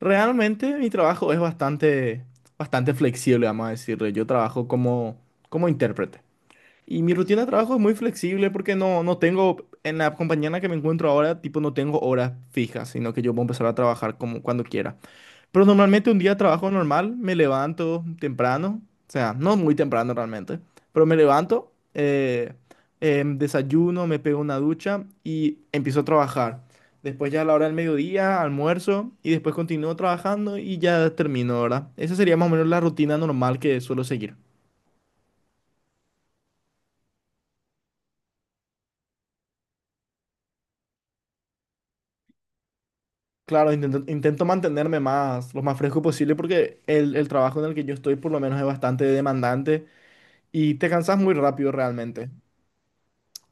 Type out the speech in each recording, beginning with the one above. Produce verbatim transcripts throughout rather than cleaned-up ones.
Realmente mi trabajo es bastante, bastante flexible, vamos a decirlo. Yo trabajo como, como intérprete. Y mi rutina de trabajo es muy flexible porque no, no tengo, en la compañía en la que me encuentro ahora, tipo, no tengo horas fijas, sino que yo puedo empezar a trabajar como cuando quiera. Pero normalmente un día de trabajo normal, me levanto temprano, o sea, no muy temprano realmente, pero me levanto, eh, em, desayuno, me pego una ducha y empiezo a trabajar. Después ya a la hora del mediodía, almuerzo y después continúo trabajando y ya termino, ¿verdad? Esa sería más o menos la rutina normal que suelo seguir. Claro, intento, intento mantenerme más, lo más fresco posible porque el, el trabajo en el que yo estoy por lo menos es bastante demandante y te cansas muy rápido realmente.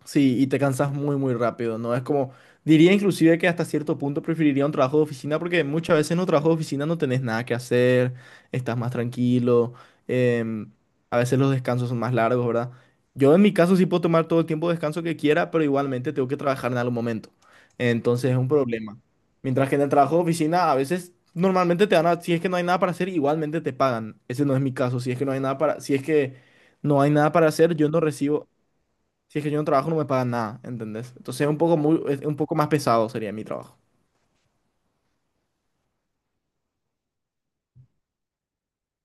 Sí, y te cansas muy, muy rápido, ¿no? Es como, diría inclusive que hasta cierto punto preferiría un trabajo de oficina porque muchas veces en un trabajo de oficina no tenés nada que hacer, estás más tranquilo, em, a veces los descansos son más largos, ¿verdad? Yo en mi caso sí puedo tomar todo el tiempo de descanso que quiera, pero igualmente tengo que trabajar en algún momento. Entonces es un problema. Mientras que en el trabajo de oficina a veces normalmente te dan, a- si es que no hay nada para hacer, igualmente te pagan. Ese no es mi caso, si es que no hay nada para, si es que no hay nada para hacer, yo no recibo. Si es que yo no trabajo, no me pagan nada, ¿entendés? Entonces es un poco muy, es un poco más pesado sería mi trabajo.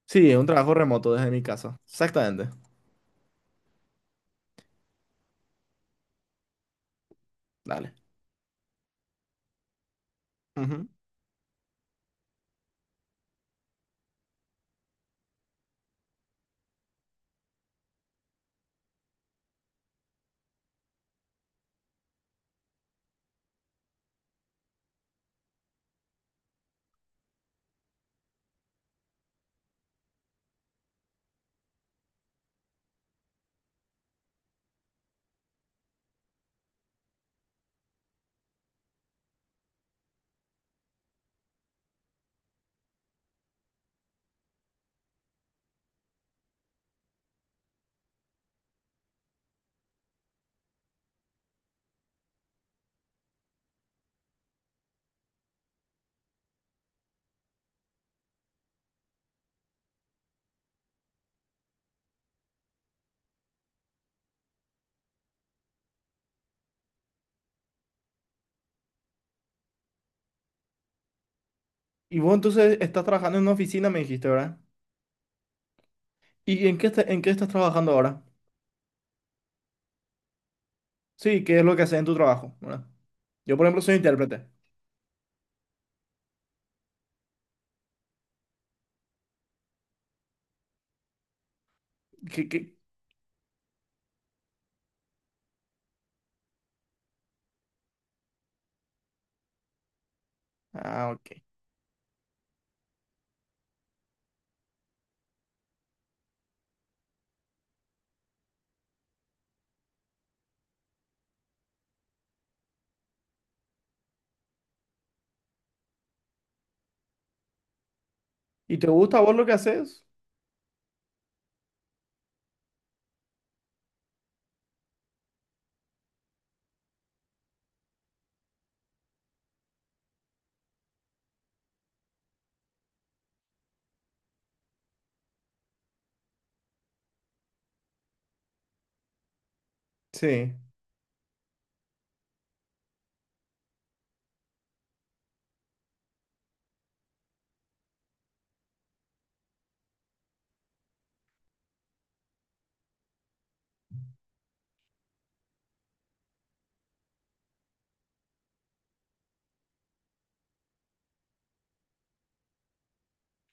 Sí, es un trabajo remoto desde mi casa. Exactamente. Dale. Ujú. Y vos entonces estás trabajando en una oficina, me dijiste, ¿verdad? ¿Y en qué, esta- en qué estás trabajando ahora? Sí, ¿qué es lo que haces en tu trabajo, ¿verdad? Yo, por ejemplo, soy intérprete. ¿Qué, qué? Ah, ok. ¿Y te gusta a vos lo que haces? Sí.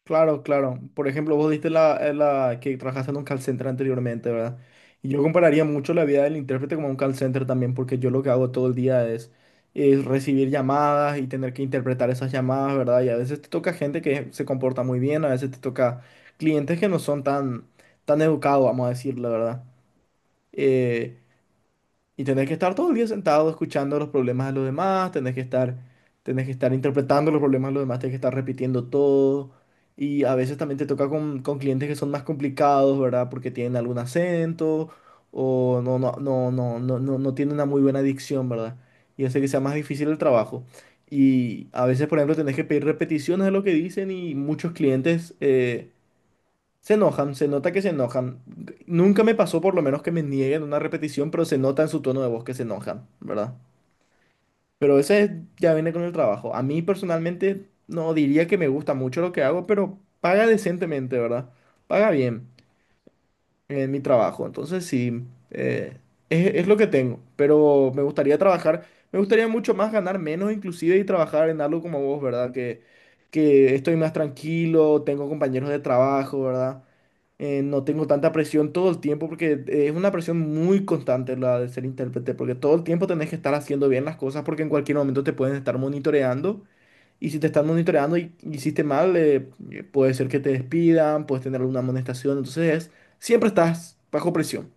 Claro, claro. Por ejemplo, vos diste la, eh, la que trabajaste en un call center anteriormente, ¿verdad? Y yo compararía mucho la vida del intérprete como un call center también, porque yo lo que hago todo el día es, es recibir llamadas y tener que interpretar esas llamadas, ¿verdad? Y a veces te toca gente que se comporta muy bien, a veces te toca clientes que no son tan, tan educados, vamos a decirlo, ¿verdad? Eh, y tenés que estar todo el día sentado escuchando los problemas de los demás, tenés que estar, tenés que estar interpretando los problemas de los demás, tenés que estar repitiendo todo. Y a veces también te toca con, con clientes que son más complicados, ¿verdad? Porque tienen algún acento o no, no, no, no, no, no, no tienen una muy buena dicción, ¿verdad? Y hace que sea más difícil el trabajo. Y a veces, por ejemplo, tenés que pedir repeticiones de lo que dicen y muchos clientes... eh, Se enojan, se nota que se enojan. Nunca me pasó por lo menos que me nieguen una repetición, pero se nota en su tono de voz que se enojan, ¿verdad? Pero ese ya viene con el trabajo. A mí personalmente no diría que me gusta mucho lo que hago, pero paga decentemente, ¿verdad? Paga bien en mi trabajo. Entonces sí, eh, es, es lo que tengo, pero me gustaría trabajar, me gustaría mucho más ganar menos inclusive y trabajar en algo como vos, ¿verdad? Que, que estoy más tranquilo, tengo compañeros de trabajo, ¿verdad? Eh, no tengo tanta presión todo el tiempo porque es una presión muy constante la de ser intérprete, porque todo el tiempo tenés que estar haciendo bien las cosas porque en cualquier momento te pueden estar monitoreando y si te están monitoreando y y hiciste mal, eh, eh, puede ser que te despidan, puedes tener alguna amonestación. Entonces, siempre estás bajo presión.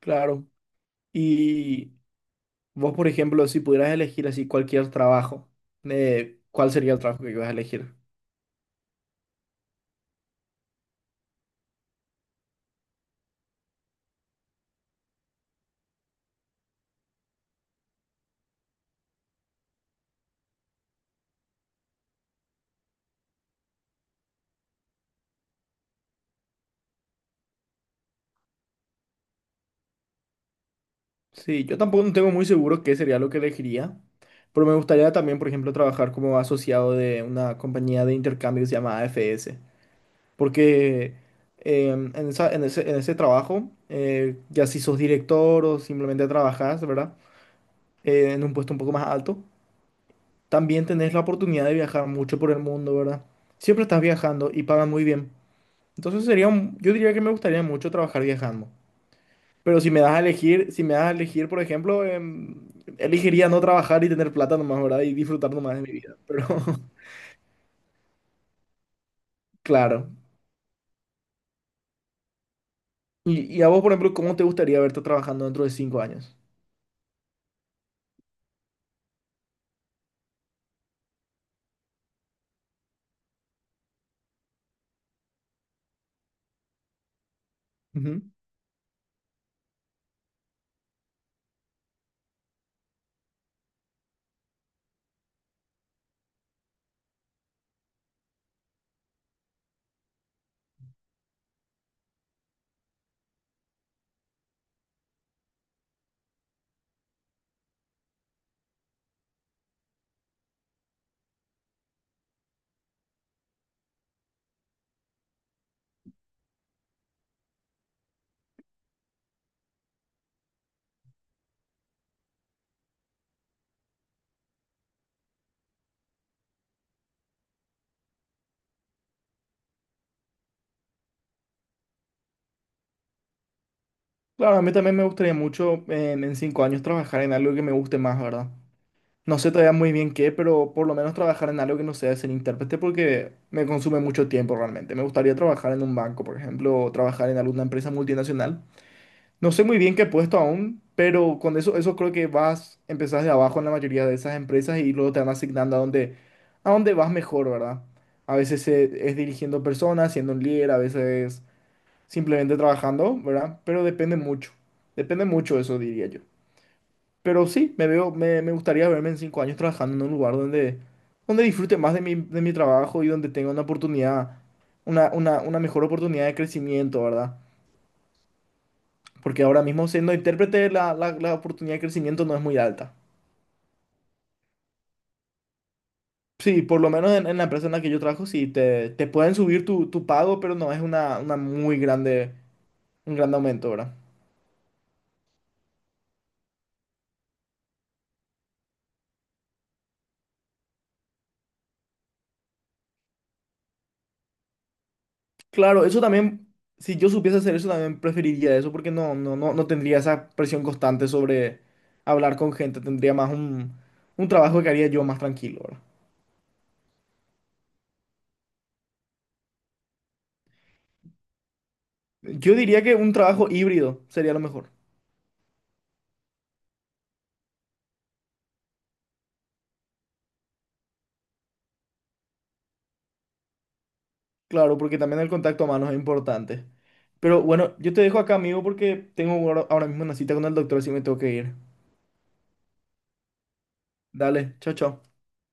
Claro. Y vos, por ejemplo, si pudieras elegir así cualquier trabajo, eh, ¿cuál sería el trabajo que ibas a elegir? Sí, yo tampoco no tengo muy seguro qué sería lo que elegiría, pero me gustaría también, por ejemplo, trabajar como asociado de una compañía de intercambio que se llama A F S. Porque eh, en esa- en ese, en ese trabajo, eh, ya si sos director o simplemente trabajás, ¿verdad? Eh, en un puesto un poco más alto, también tenés la oportunidad de viajar mucho por el mundo, ¿verdad? Siempre estás viajando y pagan muy bien. Entonces sería un- yo diría que me gustaría mucho trabajar viajando. Pero si me das a elegir, si me das a elegir, por ejemplo, em, elegiría no trabajar y tener plata nomás, ¿verdad? Y disfrutar nomás de mi vida. Pero claro. Y, y a vos, por ejemplo, ¿cómo te gustaría verte trabajando dentro de cinco años? Ujú. Claro, a mí también me gustaría mucho eh, en cinco años trabajar en algo que me guste más, ¿verdad? No sé todavía muy bien qué, pero por lo menos trabajar en algo que no sea ser intérprete porque me consume mucho tiempo realmente. Me gustaría trabajar en un banco, por ejemplo, o trabajar en alguna empresa multinacional. No sé muy bien qué puesto aún, pero con eso, eso creo que vas, empezás de abajo en la mayoría de esas empresas y luego te van asignando a dónde, a dónde vas mejor, ¿verdad? A veces eh, es dirigiendo personas, siendo un líder, a veces simplemente trabajando, ¿verdad? Pero depende mucho, depende mucho eso, diría yo. Pero sí, me veo, me, me gustaría verme en cinco años trabajando en un lugar donde, donde disfrute más de mi, de mi trabajo y donde tenga una oportunidad, una, una, una mejor oportunidad de crecimiento, ¿verdad? Porque ahora mismo siendo intérprete la, la, la oportunidad de crecimiento no es muy alta. Sí, por lo menos en, en la empresa en la que yo trabajo, sí, te, te pueden subir tu, tu pago, pero no es una, una muy grande, un gran aumento, ¿verdad? Claro, eso también, si yo supiese hacer eso, también preferiría eso porque no, no, no, no tendría esa presión constante sobre hablar con gente, tendría más un, un trabajo que haría yo más tranquilo, ¿verdad? Yo diría que un trabajo híbrido sería lo mejor, claro, porque también el contacto humano es importante. Pero bueno, yo te dejo acá, amigo, porque tengo ahora ahora mismo una cita con el doctor, así me tengo que ir. Dale, chao, chao.